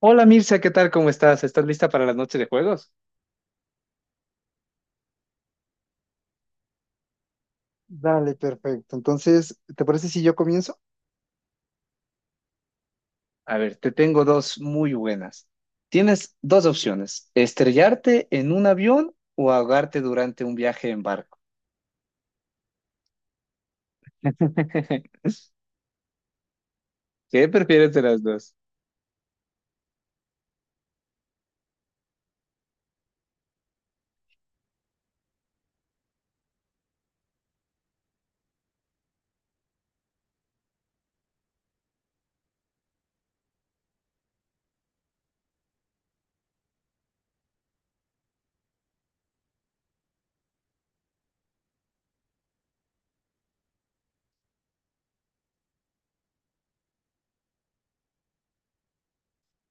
Hola Mirza, ¿qué tal? ¿Cómo estás? ¿Estás lista para la noche de juegos? Dale, perfecto. Entonces, ¿te parece si yo comienzo? A ver, te tengo dos muy buenas. Tienes dos opciones, estrellarte en un avión o ahogarte durante un viaje en barco. ¿Qué prefieres de las dos?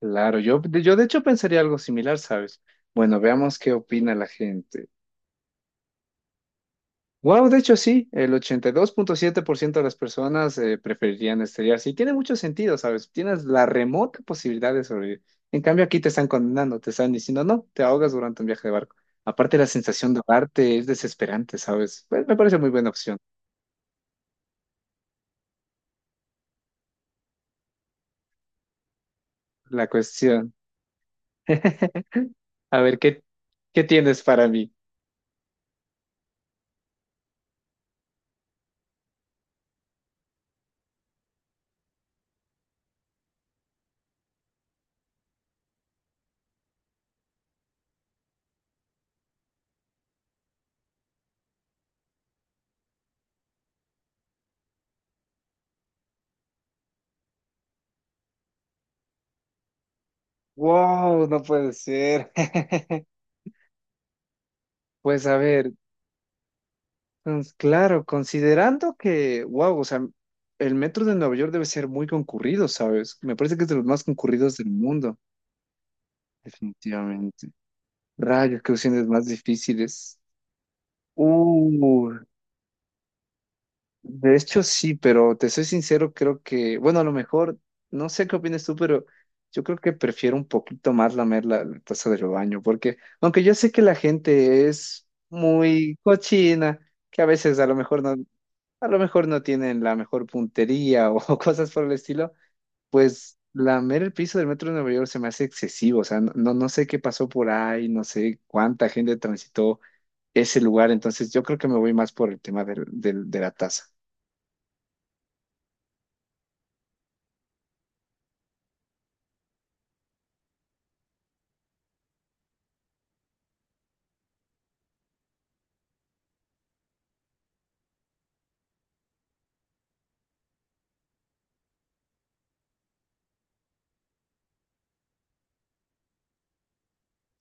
Claro, yo de hecho pensaría algo similar, ¿sabes? Bueno, veamos qué opina la gente. Wow, de hecho sí, el 82.7% de las personas preferirían estrellarse y tiene mucho sentido, ¿sabes? Tienes la remota posibilidad de sobrevivir. En cambio aquí te están condenando, te están diciendo, no, te ahogas durante un viaje de barco. Aparte la sensación de ahogarte es desesperante, ¿sabes? Pues, me parece muy buena opción. La cuestión. A ver, ¿qué tienes para mí? Wow, no puede ser. Pues a ver. Pues, claro, considerando que, wow, o sea, el metro de Nueva York debe ser muy concurrido, ¿sabes? Me parece que es de los más concurridos del mundo, definitivamente. Rayos, qué opciones más difíciles. Uh, de hecho sí, pero te soy sincero, creo que, bueno, a lo mejor, no sé qué opinas tú, pero yo creo que prefiero un poquito más lamer la taza del baño, porque aunque yo sé que la gente es muy cochina, que a veces a lo mejor no tienen la mejor puntería o cosas por el estilo, pues lamer el piso del metro de Nueva York se me hace excesivo, o sea, no, no sé qué pasó por ahí, no sé cuánta gente transitó ese lugar, entonces yo creo que me voy más por el tema de la taza.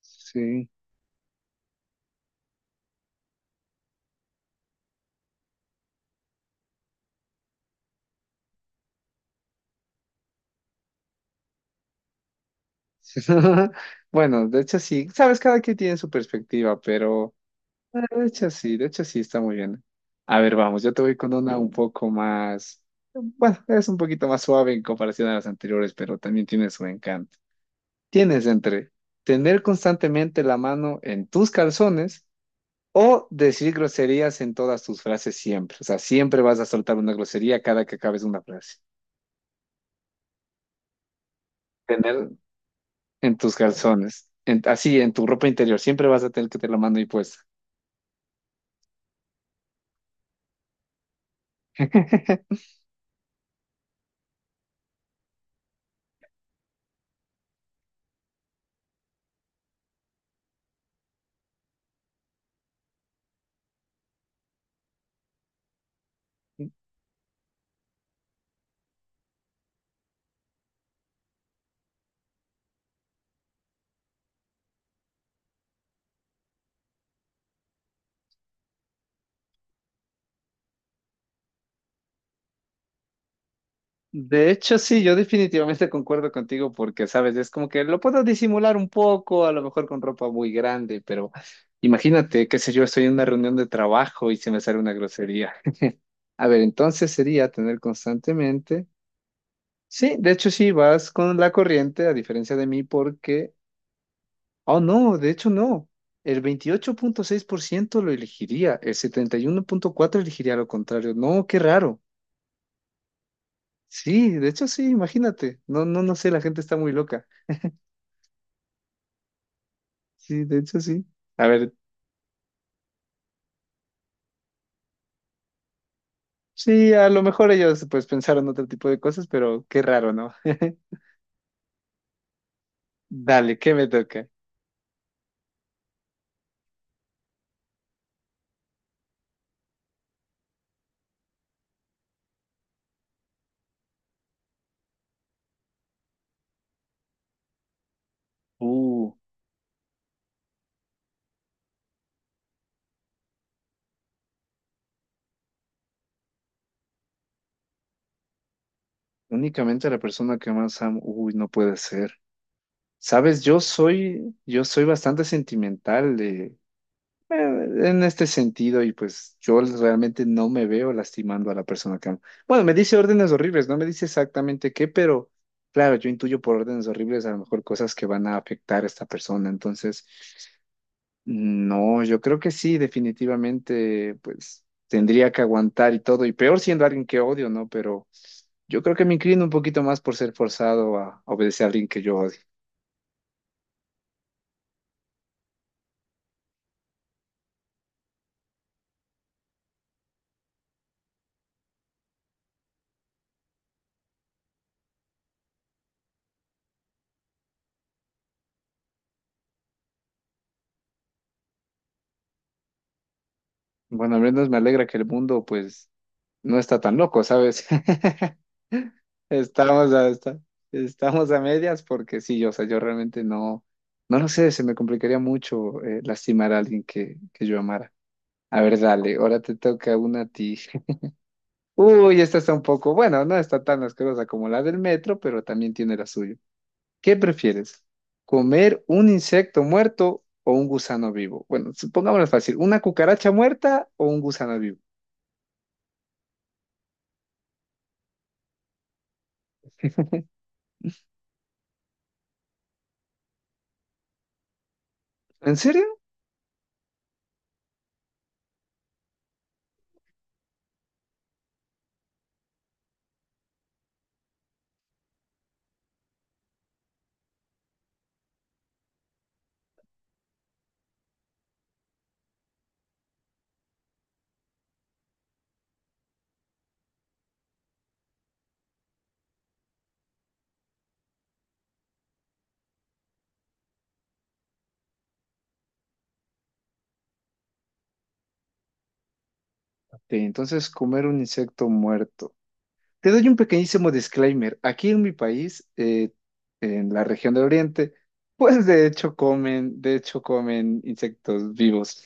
Sí. Bueno, de hecho sí, sabes, cada quien tiene su perspectiva, pero de hecho sí está muy bien. A ver, vamos, yo te voy con una un poco más, bueno, es un poquito más suave en comparación a las anteriores, pero también tiene su encanto. Tienes entre tener constantemente la mano en tus calzones o decir groserías en todas tus frases siempre. O sea, siempre vas a soltar una grosería cada que acabes una frase. Tener en tus calzones, así, en tu ropa interior, siempre vas a tener que tener la mano ahí puesta. De hecho, sí, yo definitivamente concuerdo contigo porque, sabes, es como que lo puedo disimular un poco, a lo mejor con ropa muy grande, pero imagínate, qué sé yo, estoy en una reunión de trabajo y se me sale una grosería. A ver, entonces sería tener constantemente. Sí, de hecho sí, vas con la corriente, a diferencia de mí, porque... Oh, no, de hecho no. El 28.6% lo elegiría, el 71.4% elegiría lo contrario. No, qué raro. Sí, de hecho sí, imagínate. No, no, no sé, la gente está muy loca. Sí, de hecho sí. A ver, sí, a lo mejor ellos pues pensaron otro tipo de cosas, pero qué raro, ¿no? Dale, ¿qué me toca? Uh, únicamente a la persona que más amo. Uy, no puede ser. Sabes, yo soy bastante sentimental en este sentido y pues yo realmente no me veo lastimando a la persona que amo. Bueno, me dice órdenes horribles, no me dice exactamente qué, pero claro, yo intuyo por órdenes horribles a lo mejor cosas que van a afectar a esta persona. Entonces, no, yo creo que sí, definitivamente, pues tendría que aguantar y todo, y peor siendo alguien que odio, ¿no? Pero yo creo que me inclino un poquito más por ser forzado a obedecer a alguien que yo odio. Bueno, al menos me alegra que el mundo, pues, no está tan loco, ¿sabes? Estamos a, esta- estamos a medias porque sí, yo, o sea, yo realmente no lo sé, se me complicaría mucho lastimar a alguien que yo amara. A ver, dale, ahora te toca una a ti. Uy, esta está un poco, bueno, no está tan asquerosa como la del metro, pero también tiene la suya. ¿Qué prefieres? ¿Comer un insecto muerto o un gusano vivo? Bueno, supongámoslo fácil, ¿una cucaracha muerta o un gusano vivo? ¿En serio? Este, entonces comer un insecto muerto. Te doy un pequeñísimo disclaimer. Aquí en mi país, en la región del Oriente, pues de hecho comen insectos vivos.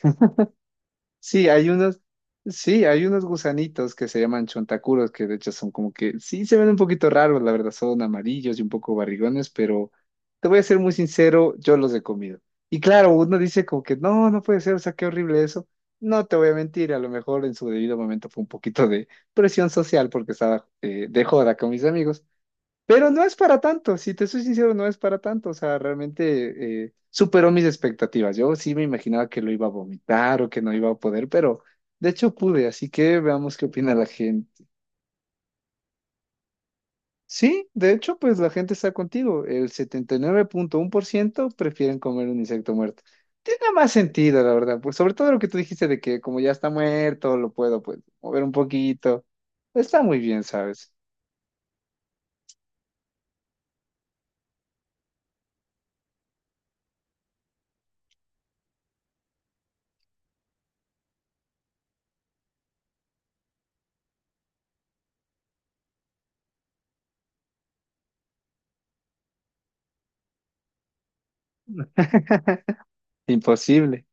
Sí, hay unos, sí, hay unos gusanitos que se llaman chontacuros, que de hecho son como que, sí, se ven un poquito raros, la verdad, son amarillos y un poco barrigones, pero te voy a ser muy sincero, yo los he comido. Y claro, uno dice como que, no, no puede ser, o sea, qué horrible eso. No te voy a mentir, a lo mejor en su debido momento fue un poquito de presión social porque estaba de joda con mis amigos, pero no es para tanto, si te soy sincero, no es para tanto. O sea, realmente superó mis expectativas. Yo sí me imaginaba que lo iba a vomitar o que no iba a poder, pero de hecho pude, así que veamos qué opina la gente. Sí, de hecho, pues la gente está contigo. El 79.1% prefieren comer un insecto muerto. Tiene más sentido, la verdad. Pues sobre todo lo que tú dijiste de que como ya está muerto, lo puedo pues mover un poquito. Está muy bien, ¿sabes? Imposible.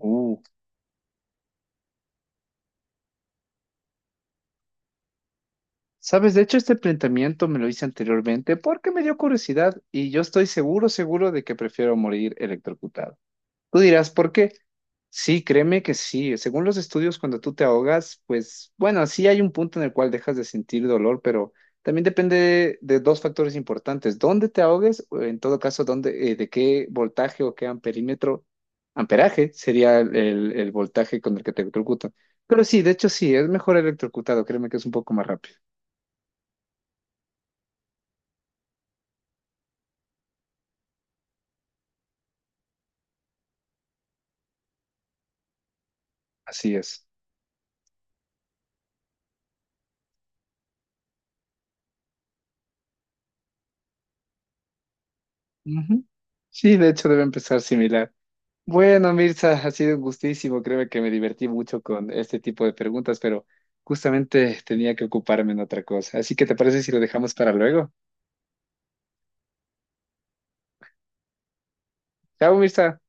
Uh. Sabes, de hecho este planteamiento me lo hice anteriormente porque me dio curiosidad y yo estoy seguro, seguro de que prefiero morir electrocutado. Tú dirás, ¿por qué? Sí, créeme que sí. Según los estudios, cuando tú te ahogas, pues bueno, sí hay un punto en el cual dejas de sentir dolor, pero también depende de, dos factores importantes. ¿Dónde te ahogues? O en todo caso, ¿dónde, de qué voltaje o qué amperímetro, amperaje sería el voltaje con el que te electrocutan? Pero sí, de hecho sí, es mejor electrocutado. Créeme que es un poco más rápido. Así es. Ujú. Sí, de hecho debe empezar similar. Bueno, Mirza, ha sido un gustísimo. Créeme que me divertí mucho con este tipo de preguntas, pero justamente tenía que ocuparme en otra cosa. Así que, ¿te parece si lo dejamos para luego? Chao, Mirza.